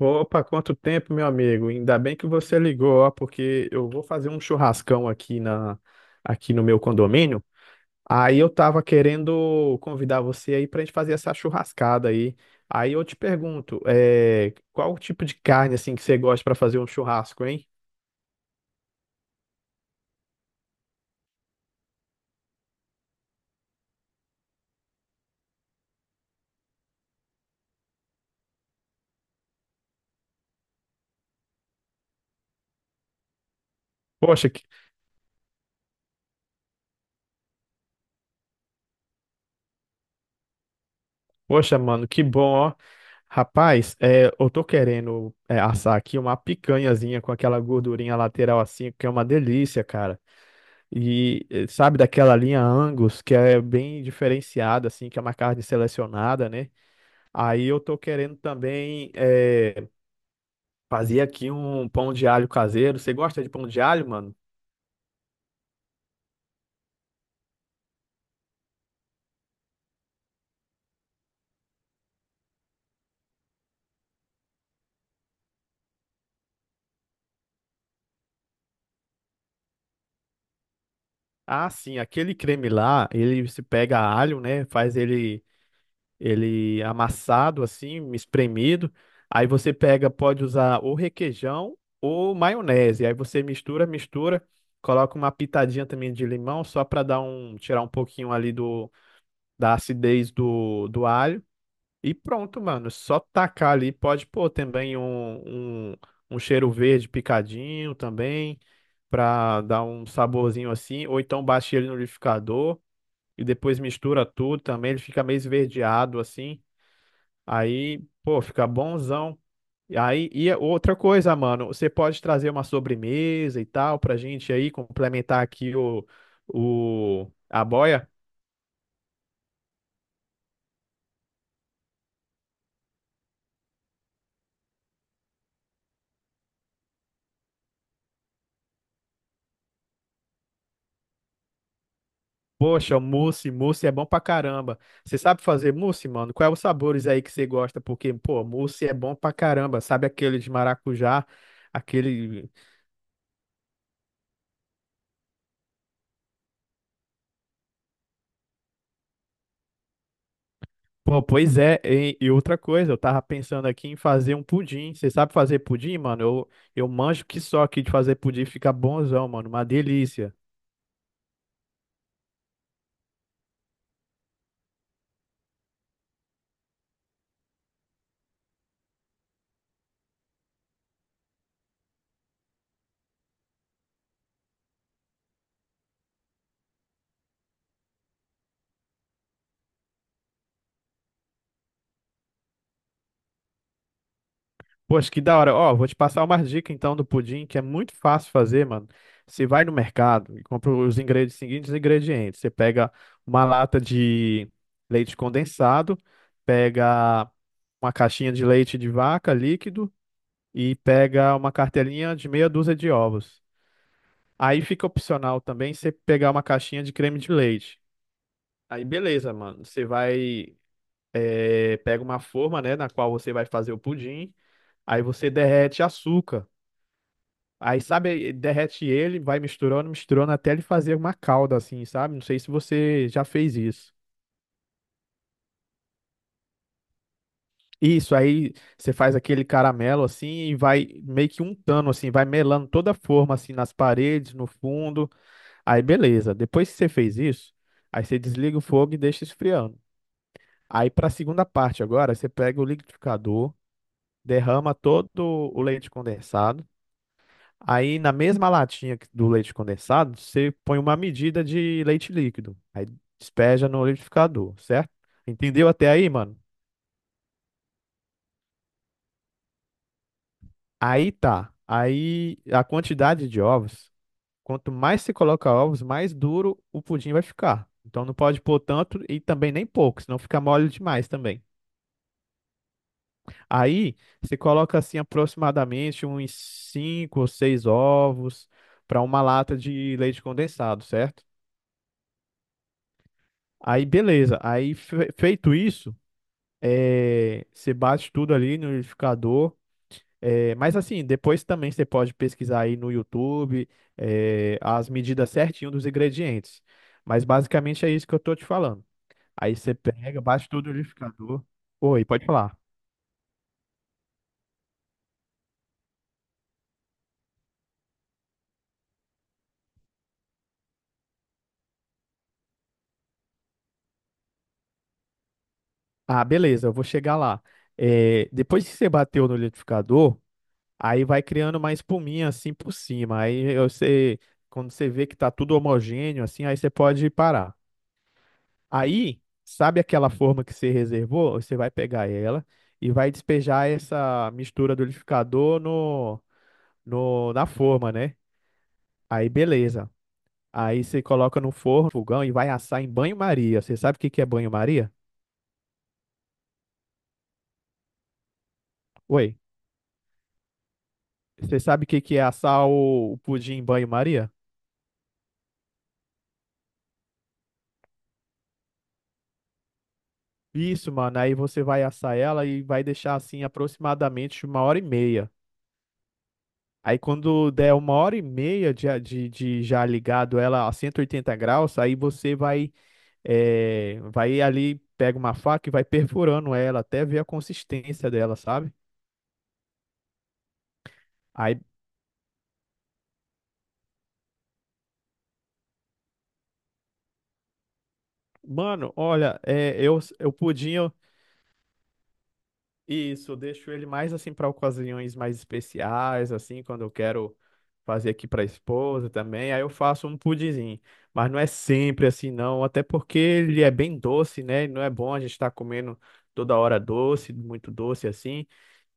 Opa, quanto tempo, meu amigo? Ainda bem que você ligou, ó, porque eu vou fazer um churrascão aqui no meu condomínio. Aí eu tava querendo convidar você aí pra gente fazer essa churrascada aí. Aí eu te pergunto, qual o tipo de carne assim que você gosta pra fazer um churrasco, hein? Poxa, que- Poxa, mano, que bom, ó. Rapaz, eu tô querendo assar aqui uma picanhazinha com aquela gordurinha lateral assim, que é uma delícia, cara. E sabe daquela linha Angus, que é bem diferenciada, assim, que é uma carne selecionada, né? Aí eu tô querendo também fazer aqui um pão de alho caseiro. Você gosta de pão de alho, mano? Ah, sim, aquele creme lá, ele se pega alho, né? Ele amassado, assim, espremido. Aí você pega, pode usar ou requeijão ou maionese. Aí você mistura, mistura, coloca uma pitadinha também de limão, só para dar um, tirar um pouquinho ali do da acidez do alho. E pronto, mano. Só tacar ali. Pode pôr também um cheiro verde picadinho também, pra dar um saborzinho assim. Ou então bate ele no liquidificador e depois mistura tudo também. Ele fica meio esverdeado assim. Aí, pô, fica bonzão. E aí, e é outra coisa, mano, você pode trazer uma sobremesa e tal pra gente aí complementar aqui a boia. Poxa, mousse, mousse é bom pra caramba. Você sabe fazer mousse, mano? Quais os sabores aí que você gosta? Porque, pô, mousse é bom pra caramba. Sabe aquele de maracujá? Aquele. Pô, pois é. E outra coisa, eu tava pensando aqui em fazer um pudim. Você sabe fazer pudim, mano? Eu manjo que só aqui de fazer pudim fica bonzão, mano. Uma delícia. Poxa, que da hora. Ó, vou te passar uma dica então do pudim, que é muito fácil fazer, mano. Você vai no mercado e compra os ingredientes, seguintes ingredientes. Você pega uma lata de leite condensado, pega uma caixinha de leite de vaca líquido e pega uma cartelinha de meia dúzia de ovos. Aí fica opcional também você pegar uma caixinha de creme de leite. Aí beleza, mano. Você vai, pega uma forma, né, na qual você vai fazer o pudim. Aí você derrete açúcar. Aí, sabe, derrete ele, vai misturando, misturando até ele fazer uma calda assim, sabe? Não sei se você já fez isso. Isso, aí você faz aquele caramelo assim e vai meio que untando assim, vai melando toda a forma assim nas paredes, no fundo. Aí beleza. Depois que você fez isso, aí você desliga o fogo e deixa esfriando. Aí para a segunda parte agora, você pega o liquidificador, derrama todo o leite condensado. Aí na mesma latinha do leite condensado, você põe uma medida de leite líquido. Aí despeja no liquidificador, certo? Entendeu até aí, mano? Aí tá. Aí a quantidade de ovos, quanto mais se coloca ovos, mais duro o pudim vai ficar. Então não pode pôr tanto e também nem pouco, senão fica mole demais também. Aí você coloca assim aproximadamente uns 5 ou 6 ovos para uma lata de leite condensado, certo? Aí, beleza. Aí, feito isso, você bate tudo ali no liquidificador. É, mas assim, depois também você pode pesquisar aí no YouTube, as medidas certinho dos ingredientes. Mas basicamente é isso que eu tô te falando. Aí você pega, bate tudo no liquidificador. Oi, pode falar. Ah, beleza, eu vou chegar lá. É, depois que você bateu no liquidificador, aí vai criando uma espuminha assim por cima. Você, quando você vê que tá tudo homogêneo assim, aí você pode parar. Aí, sabe aquela forma que você reservou? Você vai pegar ela e vai despejar essa mistura do liquidificador no, no, na forma, né? Aí, beleza. Aí você coloca no forno, fogão e vai assar em banho-maria. Você sabe o que que é banho-maria? Oi, você sabe o que que é assar o pudim em banho-maria? Isso, mano. Aí você vai assar ela e vai deixar assim aproximadamente uma hora e meia. Aí quando der uma hora e meia de já ligado ela a 180 graus, aí você vai. É, vai ali, pega uma faca e vai perfurando ela até ver a consistência dela, sabe? Aí, mano, olha, eu pudim, isso, eu deixo ele mais assim para ocasiões mais especiais, assim, quando eu quero fazer aqui para esposa também. Aí eu faço um pudinzinho, mas não é sempre assim, não, até porque ele é bem doce, né? E não é bom a gente estar comendo toda hora doce, muito doce assim.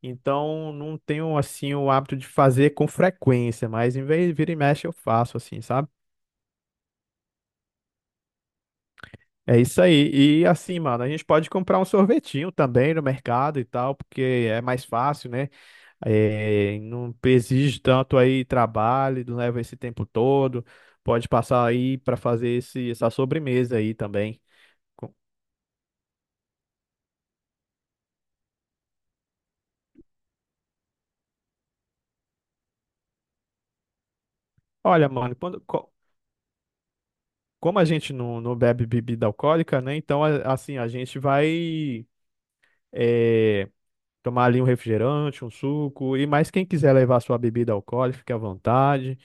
Então, não tenho assim o hábito de fazer com frequência, mas em vez de vira e mexe eu faço assim, sabe? É isso aí. E assim, mano, a gente pode comprar um sorvetinho também no mercado e tal, porque é mais fácil, né? É, não exige tanto aí trabalho, não leva esse tempo todo. Pode passar aí para fazer essa sobremesa aí também. Co- Olha, mano, como a gente não bebe bebida alcoólica, né? Então, assim, a gente vai, é, tomar ali um refrigerante, um suco. E mais quem quiser levar sua bebida alcoólica, fique à vontade.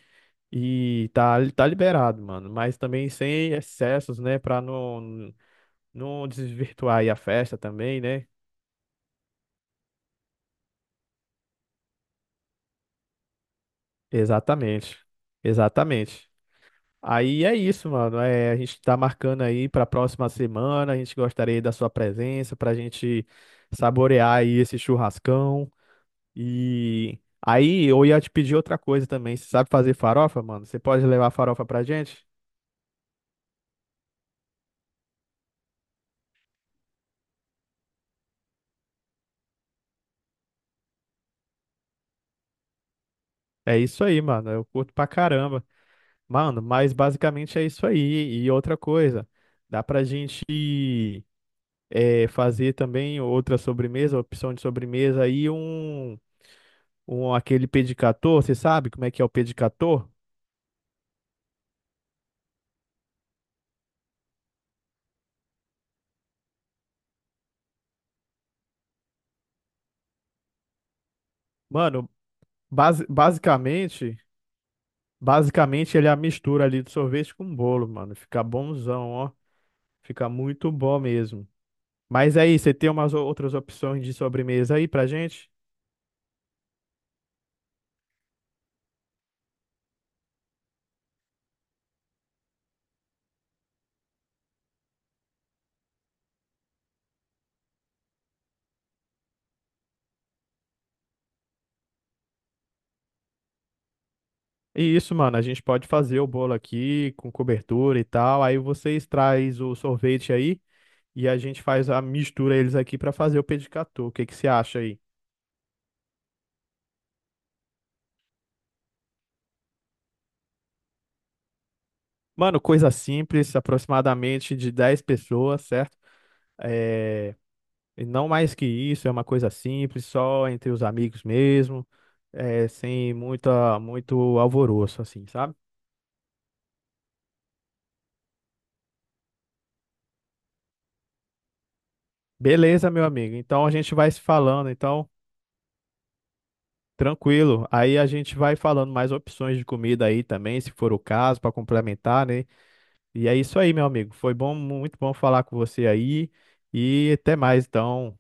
E tá liberado, mano. Mas também sem excessos, né? Pra não, não desvirtuar aí a festa também, né? Exatamente. Exatamente. Aí é isso, mano. É, a gente tá marcando aí pra próxima semana. A gente gostaria da sua presença pra gente saborear aí esse churrascão. E aí eu ia te pedir outra coisa também. Você sabe fazer farofa, mano? Você pode levar farofa pra gente? É isso aí, mano. Eu curto pra caramba. Mano, mas basicamente é isso aí. E outra coisa, dá pra gente fazer também outra sobremesa, opção de sobremesa aí, um aquele pedicator. Você sabe como é que é o pedicator? Mano, basi- basicamente, basicamente ele é a mistura ali de sorvete com bolo, mano. Fica bonzão, ó. Fica muito bom mesmo. Mas aí, você tem umas outras opções de sobremesa aí pra gente? E isso, mano, a gente pode fazer o bolo aqui com cobertura e tal. Aí vocês traz o sorvete aí e a gente faz a mistura eles aqui pra fazer o pedicat gâteau. O que que você acha aí? Mano, coisa simples, aproximadamente de 10 pessoas, certo? É, e não mais que isso, é uma coisa simples, só entre os amigos mesmo, é, sem muita, muito alvoroço, assim, sabe? Beleza, meu amigo. Então a gente vai se falando, então, tranquilo. Aí a gente vai falando mais opções de comida aí também, se for o caso, para complementar, né? E é isso aí, meu amigo. Foi bom, muito bom falar com você aí. E até mais, então.